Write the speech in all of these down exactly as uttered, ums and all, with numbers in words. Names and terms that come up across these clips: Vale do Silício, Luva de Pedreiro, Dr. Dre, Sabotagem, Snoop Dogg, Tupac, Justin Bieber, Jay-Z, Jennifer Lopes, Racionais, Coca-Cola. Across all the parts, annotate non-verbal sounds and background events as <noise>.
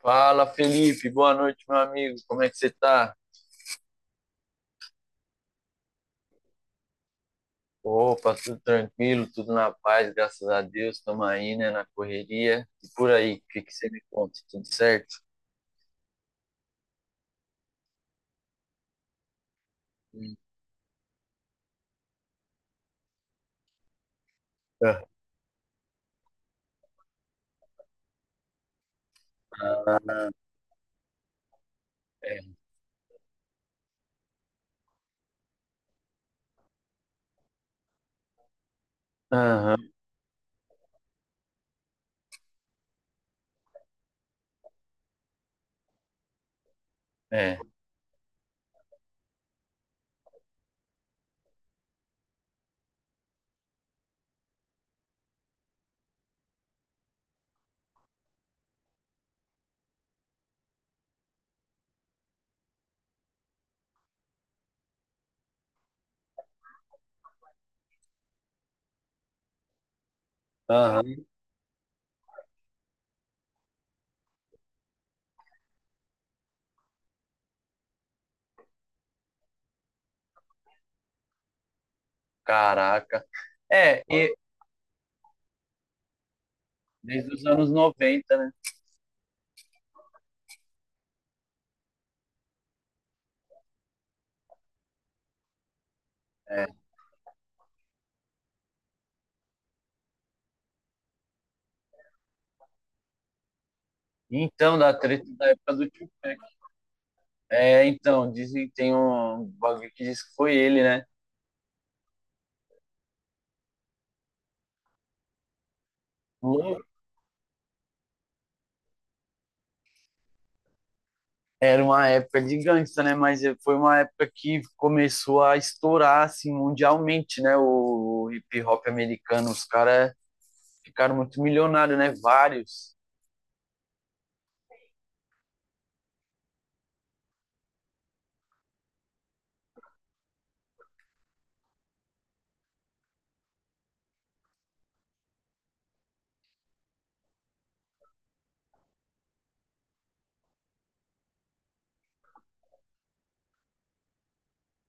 Fala, Felipe. Boa noite, meu amigo. Como é que você tá? Opa, tudo tranquilo, tudo na paz, graças a Deus. Estamos aí, né, na correria. E por aí, o que que você me conta? Tudo certo? Hum. Ah, é. Aham, é. Aham. Caraca. É, e desde os anos noventa, né? É. Então, da treta da época do Tupac. É, então, dizem que tem um bagulho que diz que foi ele, né? Era uma época de gangsta, né? Mas eh, foi uma época que começou a estourar assim mundialmente, né? O hip hop americano, os caras ficaram muito milionários, né? Vários.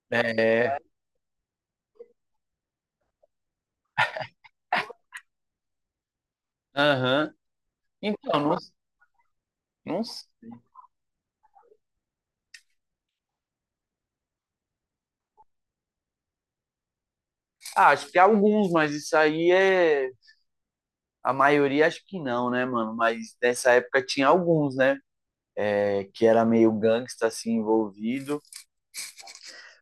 É. Aham. Então, não, não, ah, acho que alguns, mas isso aí é a maioria acho que não, né, mano? Mas nessa época tinha alguns, né? É, que era meio gangsta assim envolvido,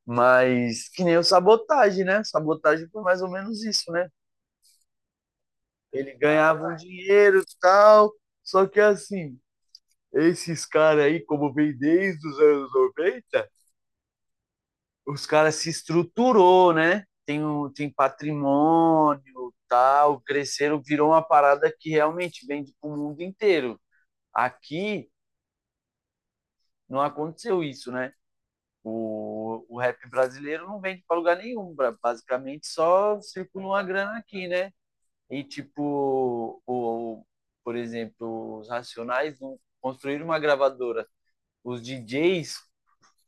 mas que nem o Sabotagem, né? Sabotagem foi mais ou menos isso, né? Ele ganhava um dinheiro e tal. Só que assim, esses caras aí, como vem desde os anos noventa, os caras se estruturou, né? Tem, um, tem patrimônio, tal, cresceram, virou uma parada que realmente vende pro mundo inteiro. Aqui não aconteceu isso, né? O, o rap brasileiro não vende para lugar nenhum, bra- basicamente só circula uma grana aqui, né? E, tipo, o, o- por exemplo, os Racionais não construíram uma gravadora. Os D Js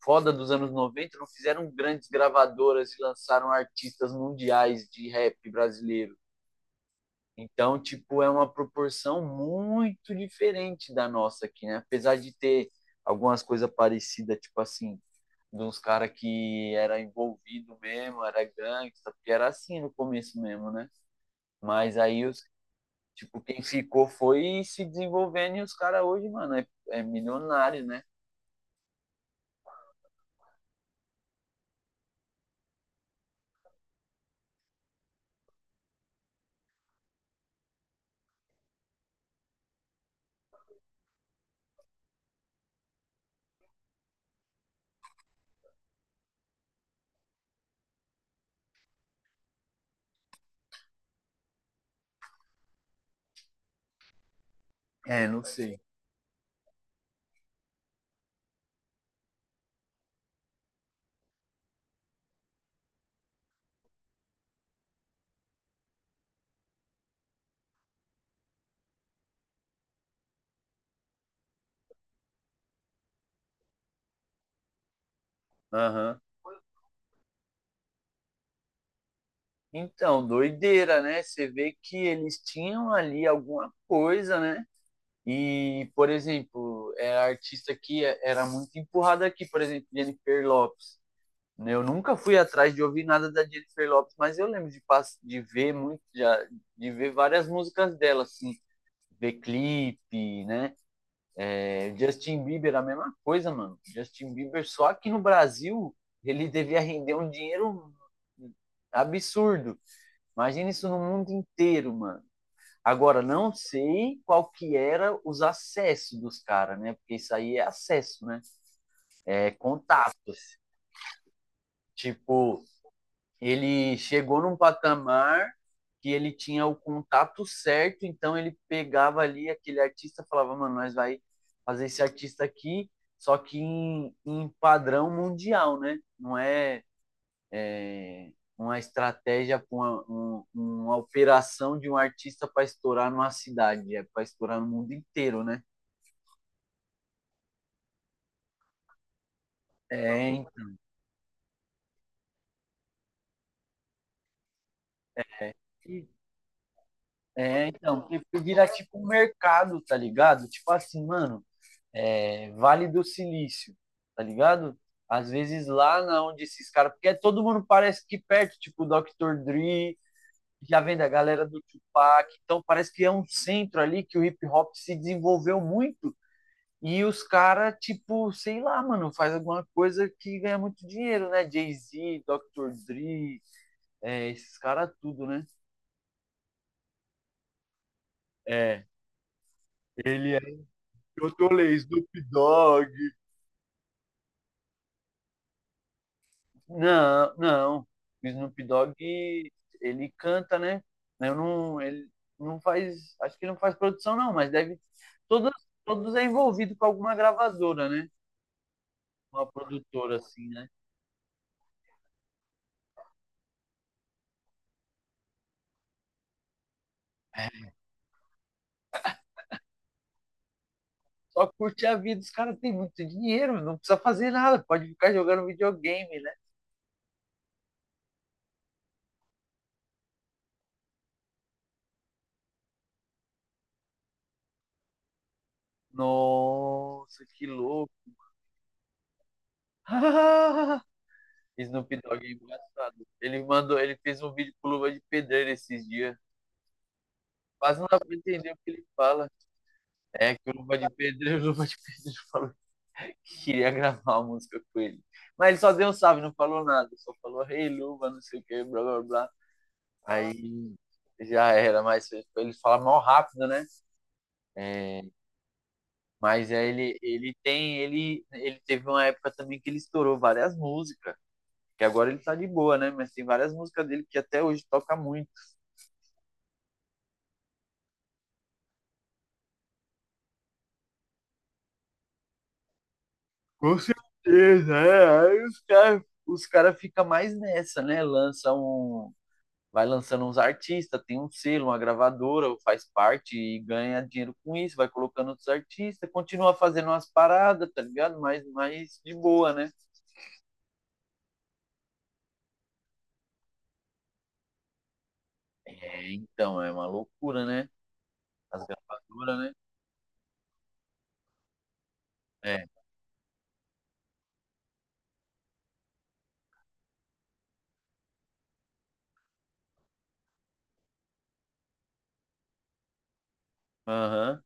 foda dos anos noventa não fizeram grandes gravadoras e lançaram artistas mundiais de rap brasileiro. Então, tipo, é uma proporção muito diferente da nossa aqui, né? Apesar de ter algumas coisas parecidas, tipo assim, de uns caras que era envolvido mesmo, era gangsta, porque era assim no começo mesmo, né? Mas aí os… Tipo, quem ficou foi se desenvolvendo e os caras hoje, mano, é, é milionário, né? É, não sei. Aham. Então, doideira, né? Você vê que eles tinham ali alguma coisa, né? E, por exemplo, é artista que é- era muito empurrada aqui, por exemplo, Jennifer Lopes. Né? Eu nunca fui atrás de ouvir nada da Jennifer Lopes, mas eu lembro de, pass- de ver muito, de, de ver várias músicas dela, assim, ver clipe, né? Justin Bieber, a mesma coisa, mano. Justin Bieber, só aqui no Brasil, ele devia render um dinheiro absurdo. Imagina isso no mundo inteiro, mano. Agora, não sei qual que era os acessos dos caras, né? Porque isso aí é acesso, né? É contato. Tipo, ele chegou num patamar que ele tinha o contato certo, então ele pegava ali aquele artista, falava, mano, nós vai fazer esse artista aqui, só que em, em padrão mundial, né? Não é, é uma estratégia, uma, um, uma operação de um artista para estourar numa cidade, é para estourar no mundo inteiro, né? É, é então, porque vira tipo um mercado, tá ligado? Tipo assim, mano, é, Vale do Silício, tá ligado? Às vezes lá na onde esses caras. Porque todo mundo parece que perto, tipo o doutor Dre, já vem da galera do Tupac. Então parece que é um centro ali que o hip hop se desenvolveu muito. E os caras, tipo, sei lá, mano, faz alguma coisa que ganha muito dinheiro, né? Jay-Z, doutor Dre, é, esses caras tudo, né? É, ele é o Tolê, Snoop Dogg. Não, não. O Snoop Dogg, ele canta, né? Eu não, ele não faz, acho que ele não faz produção não, mas deve todos… todos é envolvido com alguma gravadora, né? Uma produtora assim, né? Só curte a vida, os caras têm muito dinheiro, não precisa fazer nada, pode ficar jogando videogame, né? Nossa, que louco. <laughs> Snoop Dogg é engraçado. Ele mandou, ele fez um vídeo com luva de pedreiro esses dias. Quase não dá pra entender o que ele fala. É que o Luva de Pedreiro, <laughs> o Luva de Pedreiro falou que queria gravar uma música com ele. Mas ele só deu um salve, não falou nada. Só falou, rei hey, Luva, não sei o que, blá, blá, blá. Aí já era, mas ele fala mal rápido, né? É, mas é, ele, ele tem, ele, ele teve uma época também que ele estourou várias músicas. Que agora ele tá de boa, né? Mas tem várias músicas dele que até hoje toca muito. Com certeza, é. Aí os caras os caras ficam mais nessa, né? Lança um, vai lançando uns artistas, tem um selo, uma gravadora, faz parte e ganha dinheiro com isso, vai colocando outros artistas, continua fazendo umas paradas, tá ligado? Mas mais de boa, né? É, então, é uma loucura, né? As gravadoras, né? É, aham.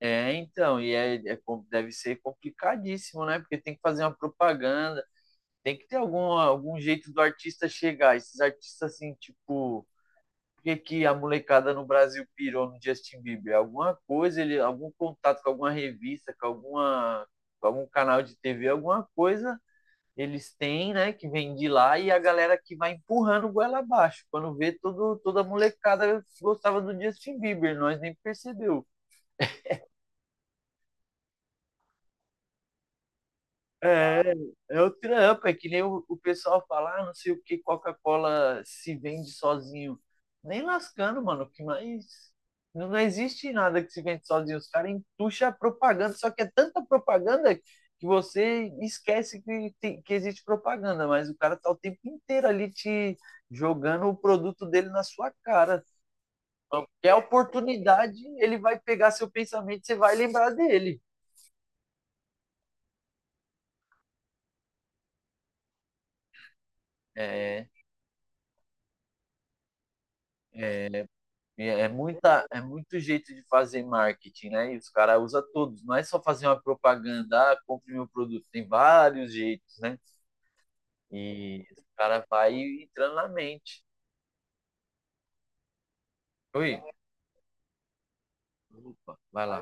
É, então, e é, é com- deve ser complicadíssimo, né? Porque tem que fazer uma propaganda, tem que ter algum, algum jeito do artista chegar. Esses artistas, assim, tipo, que, que a molecada no Brasil pirou no Justin Bieber? Alguma coisa, ele, algum contato com alguma revista, com, alguma, com algum canal de T V, alguma coisa eles têm, né, que vem de lá e a galera que vai empurrando o goela abaixo. Quando vê, todo, toda a molecada gostava do Justin Bieber, nós nem percebeu. É, é o trampo, é que nem o, o pessoal fala, ah, não sei o que, Coca-Cola se vende sozinho. Nem lascando, mano, que mais. Não, não existe nada que se vende sozinho. Os caras entucham a propaganda, só que é tanta propaganda que você esquece que, tem- que existe propaganda, mas o cara tá o tempo inteiro ali te jogando o produto dele na sua cara. Qualquer oportunidade, ele vai pegar seu pensamento, você vai lembrar dele. É, E É muita, é muito jeito de fazer marketing, né? E os caras usam todos. Não é só fazer uma propaganda, ah, compre meu produto. Tem vários jeitos, né? E o cara vai entrando na mente. Oi? Opa, vai lá.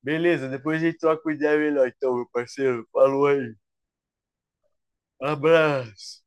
Beleza, depois a gente troca uma ideia melhor, então, meu parceiro. Falou aí. Abraço.